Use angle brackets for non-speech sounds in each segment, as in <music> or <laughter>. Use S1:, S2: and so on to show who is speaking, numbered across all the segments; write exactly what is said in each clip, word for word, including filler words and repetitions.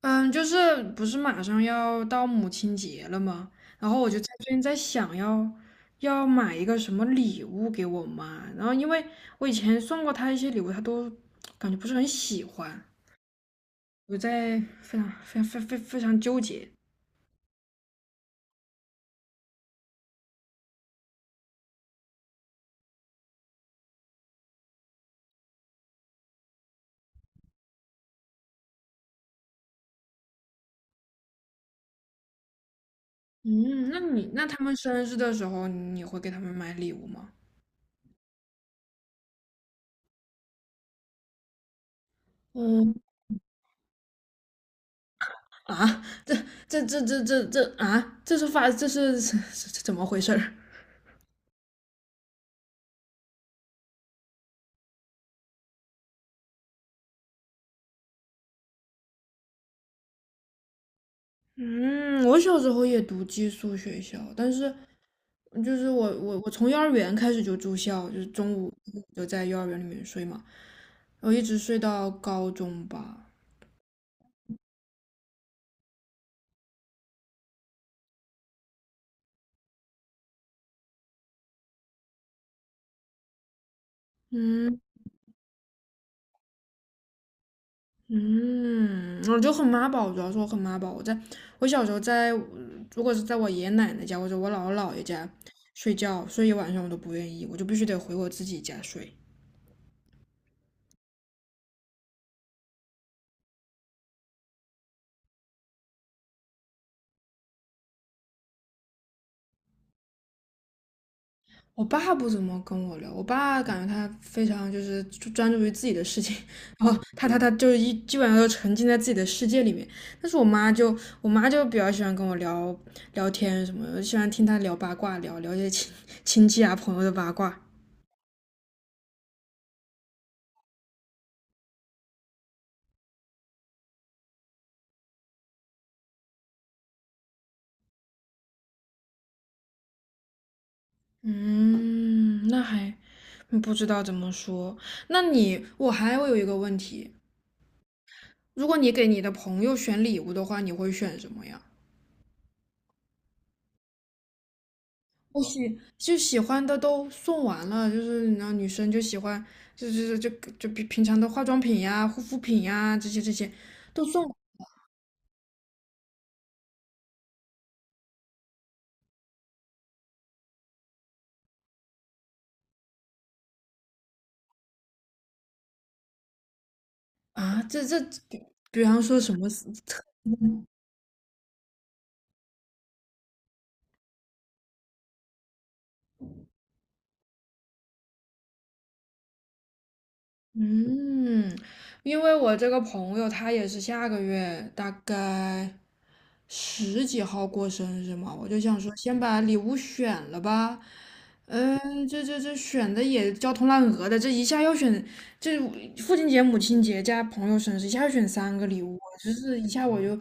S1: 嗯，就是不是马上要到母亲节了吗？然后我就在最近在想要要买一个什么礼物给我妈，然后因为我以前送过她一些礼物，她都感觉不是很喜欢，我在非常非常非非非常纠结。嗯，那你那他们生日的时候，你会给他们买礼物吗？嗯啊，<laughs> 这这这这这这啊，这是发这是 <laughs> 这这怎么回事儿？嗯，我小时候也读寄宿学校，但是就是我我我从幼儿园开始就住校，就是中午就在幼儿园里面睡嘛，然后一直睡到高中吧。嗯嗯，我就很妈宝，主要是我很妈宝。我在我小时候在，如果是在我爷爷奶奶家或者我姥姥姥爷家睡觉，睡一晚上我都不愿意，我就必须得回我自己家睡。我爸不怎么跟我聊，我爸感觉他非常就是专注于自己的事情，<laughs> 然后他他他就是一基本上都沉浸在自己的世界里面。但是我妈就我妈就比较喜欢跟我聊聊天什么的，喜欢听她聊八卦，聊聊一些亲亲戚啊朋友的八卦。嗯，那还嗯不知道怎么说。那你我还会有一个问题，如果你给你的朋友选礼物的话，你会选什么呀？我喜就喜欢的都送完了，就是然后女生就喜欢，就就就就就比平常的化妆品呀、护肤品呀这些这些都送啊，这这比比方说什么特嗯，因为我这个朋友他也是下个月大概十几号过生日嘛，我就想说先把礼物选了吧。嗯，这这这选的也焦头烂额的，这一下要选，这父亲节、母亲节加朋友生日，一下要选三个礼物，就是一下我就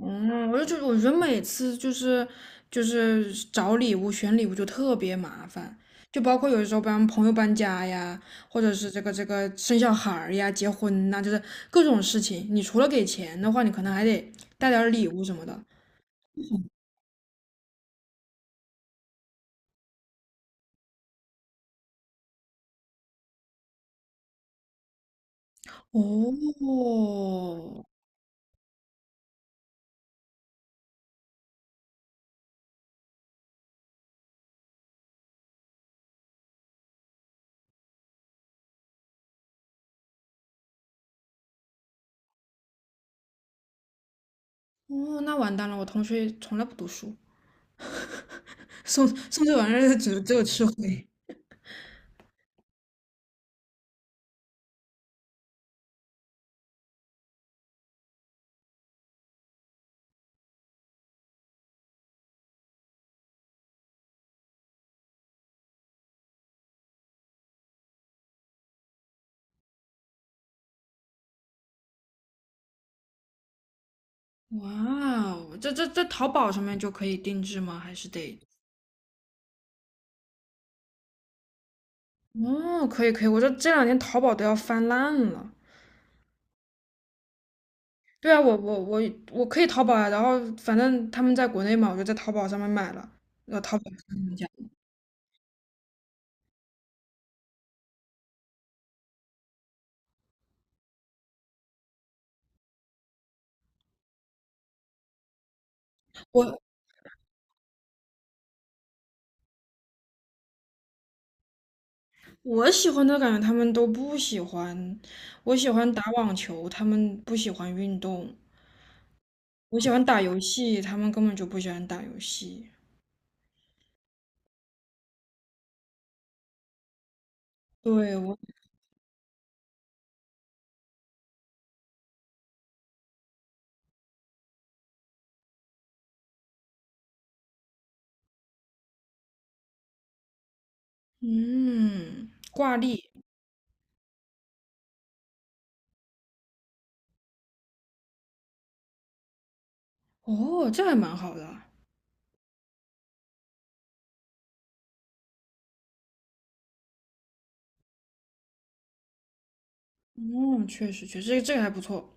S1: 嗯，我就觉得，我觉得每次就是就是找礼物、选礼物就特别麻烦，就包括有的时候帮朋友搬家呀，或者是这个这个生小孩儿呀、结婚呐、就是各种事情。你除了给钱的话，你可能还得带点儿礼物什么的。哦哦，那完蛋了，我同学从来不读书，送送这玩意儿只只有吃亏。哇哦，这这这淘宝上面就可以定制吗？还是得？哦，可以可以，我这这两年淘宝都要翻烂了。对啊，我我我我可以淘宝啊，然后反正他们在国内嘛，我就在淘宝上面买了，那淘宝上面讲，我我喜欢的感觉他们都不喜欢，我喜欢打网球，他们不喜欢运动，我喜欢打游戏，他们根本就不喜欢打游戏。对，我，嗯，挂历，哦，这还蛮好的啊，嗯，确实确实，这个这个还不错。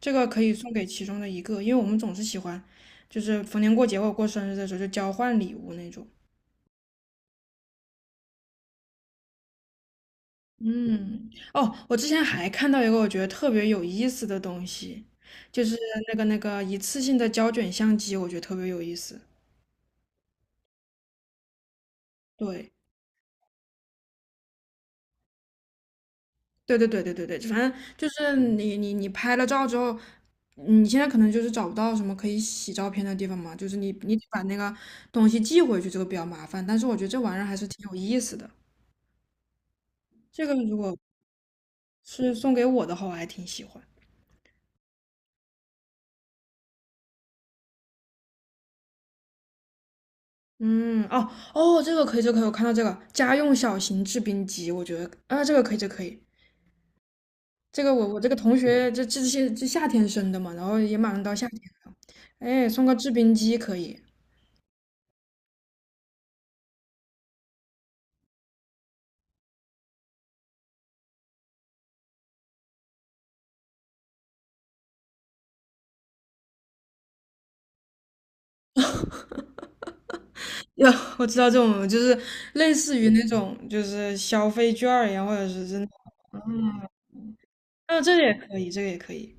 S1: 这个可以送给其中的一个，因为我们总是喜欢，就是逢年过节或者过生日的时候就交换礼物那种。嗯，哦，我之前还看到一个我觉得特别有意思的东西，就是那个那个一次性的胶卷相机，我觉得特别有意思。对，对对对对对对，反正就是你你你拍了照之后，你现在可能就是找不到什么可以洗照片的地方嘛，就是你你得把那个东西寄回去，这个比较麻烦。但是我觉得这玩意儿还是挺有意思的。这个如果是送给我的话，我还挺喜欢。嗯，哦哦，这个可以，这个可以，我看到这个家用小型制冰机，我觉得啊，这个可以，这个可以，这个我我这个同学这这些这夏天生的嘛，然后也马上到夏天了，哎，送个制冰机可以。哟，<laughs> 我知道这种就是类似于那种就是消费券儿一样，或者是真的嗯，啊，这个也可以，这个也可以。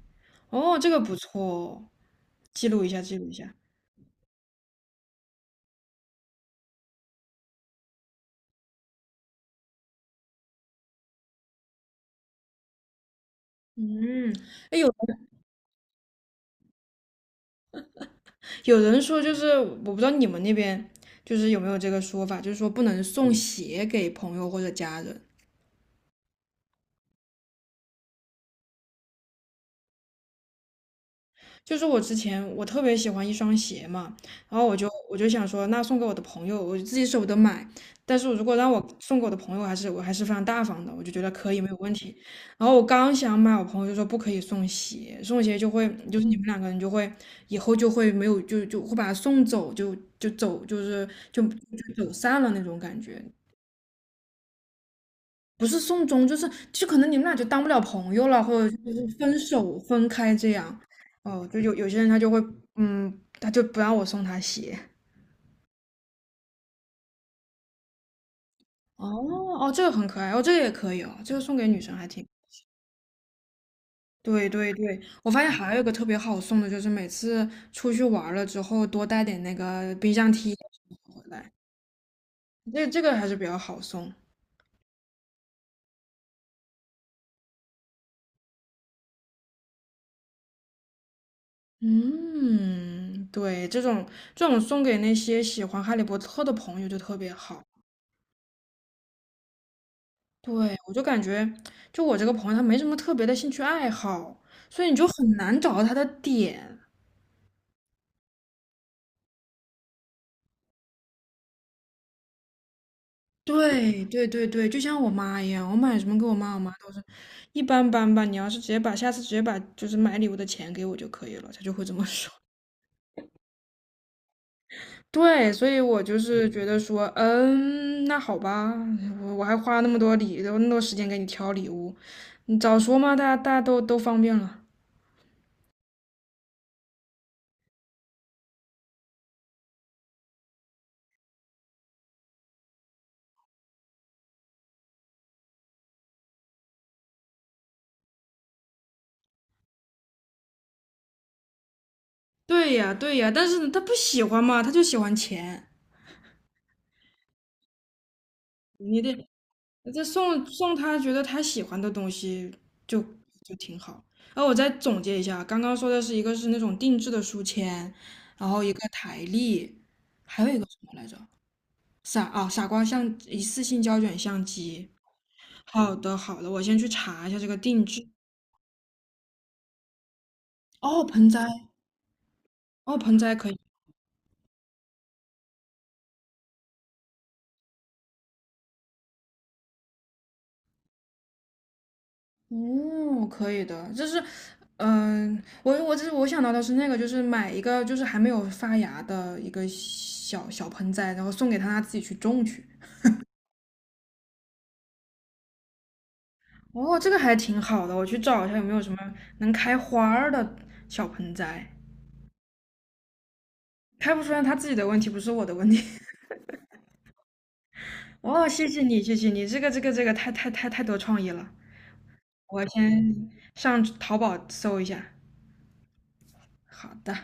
S1: 哦，这个不错哦，记录一下，记录一下。嗯，哎有有人说就是我不知道你们那边就是有没有这个说法，就是说不能送鞋给朋友或者家人。就是我之前我特别喜欢一双鞋嘛，然后我就我就想说，那送给我的朋友，我自己舍不得买，但是如果让我送给我的朋友，还是我还是非常大方的，我就觉得可以没有问题。然后我刚想买，我朋友就说不可以送鞋，送鞋就会就是你们两个人就会以后就会没有就就会把他送走，就就走就是就就走散了那种感觉。不是送终，就是就可能你们俩就当不了朋友了，或者就是分手分开这样。哦，就有有些人他就会，嗯，他就不让我送他鞋。哦哦，这个很可爱哦，这个也可以哦，这个送给女生还挺。对对对，我发现还有一个特别好送的，就是每次出去玩儿了之后多带点那个冰箱贴回来，这这个还是比较好送。嗯，对，这种这种送给那些喜欢哈利波特的朋友就特别好。对，我就感觉，就我这个朋友，他没什么特别的兴趣爱好，所以你就很难找到他的点。对对对对，就像我妈一样，我买什么给我妈，我妈都是一般般吧。你要是直接把下次直接把就是买礼物的钱给我就可以了，她就会这么 <laughs> 说。对，所以我就是觉得说，嗯，那好吧，我我还花那么多礼，那么多时间给你挑礼物，你早说嘛，大家大家都都方便了。对呀，对呀，但是他不喜欢嘛，他就喜欢钱，你得。这送送他觉得他喜欢的东西就就挺好。然后我再总结一下，刚刚说的是一个是那种定制的书签，然后一个台历，还有一个什么来着？傻啊、傻瓜相一次性胶卷相机。好的好的，我先去查一下这个定制。哦，盆栽，哦盆栽可以，哦可以的，就是。嗯，我我这是我想到的是那个，就是买一个就是还没有发芽的一个小小盆栽，然后送给他，他自己去种去。哦，这个还挺好的，我去找一下有没有什么能开花儿的小盆栽。开不出来，他自己的问题，不是我的问题。<laughs> 哦，谢谢你，谢谢你，这个这个这个太太太太多创意了。我先上淘宝搜一下。好的。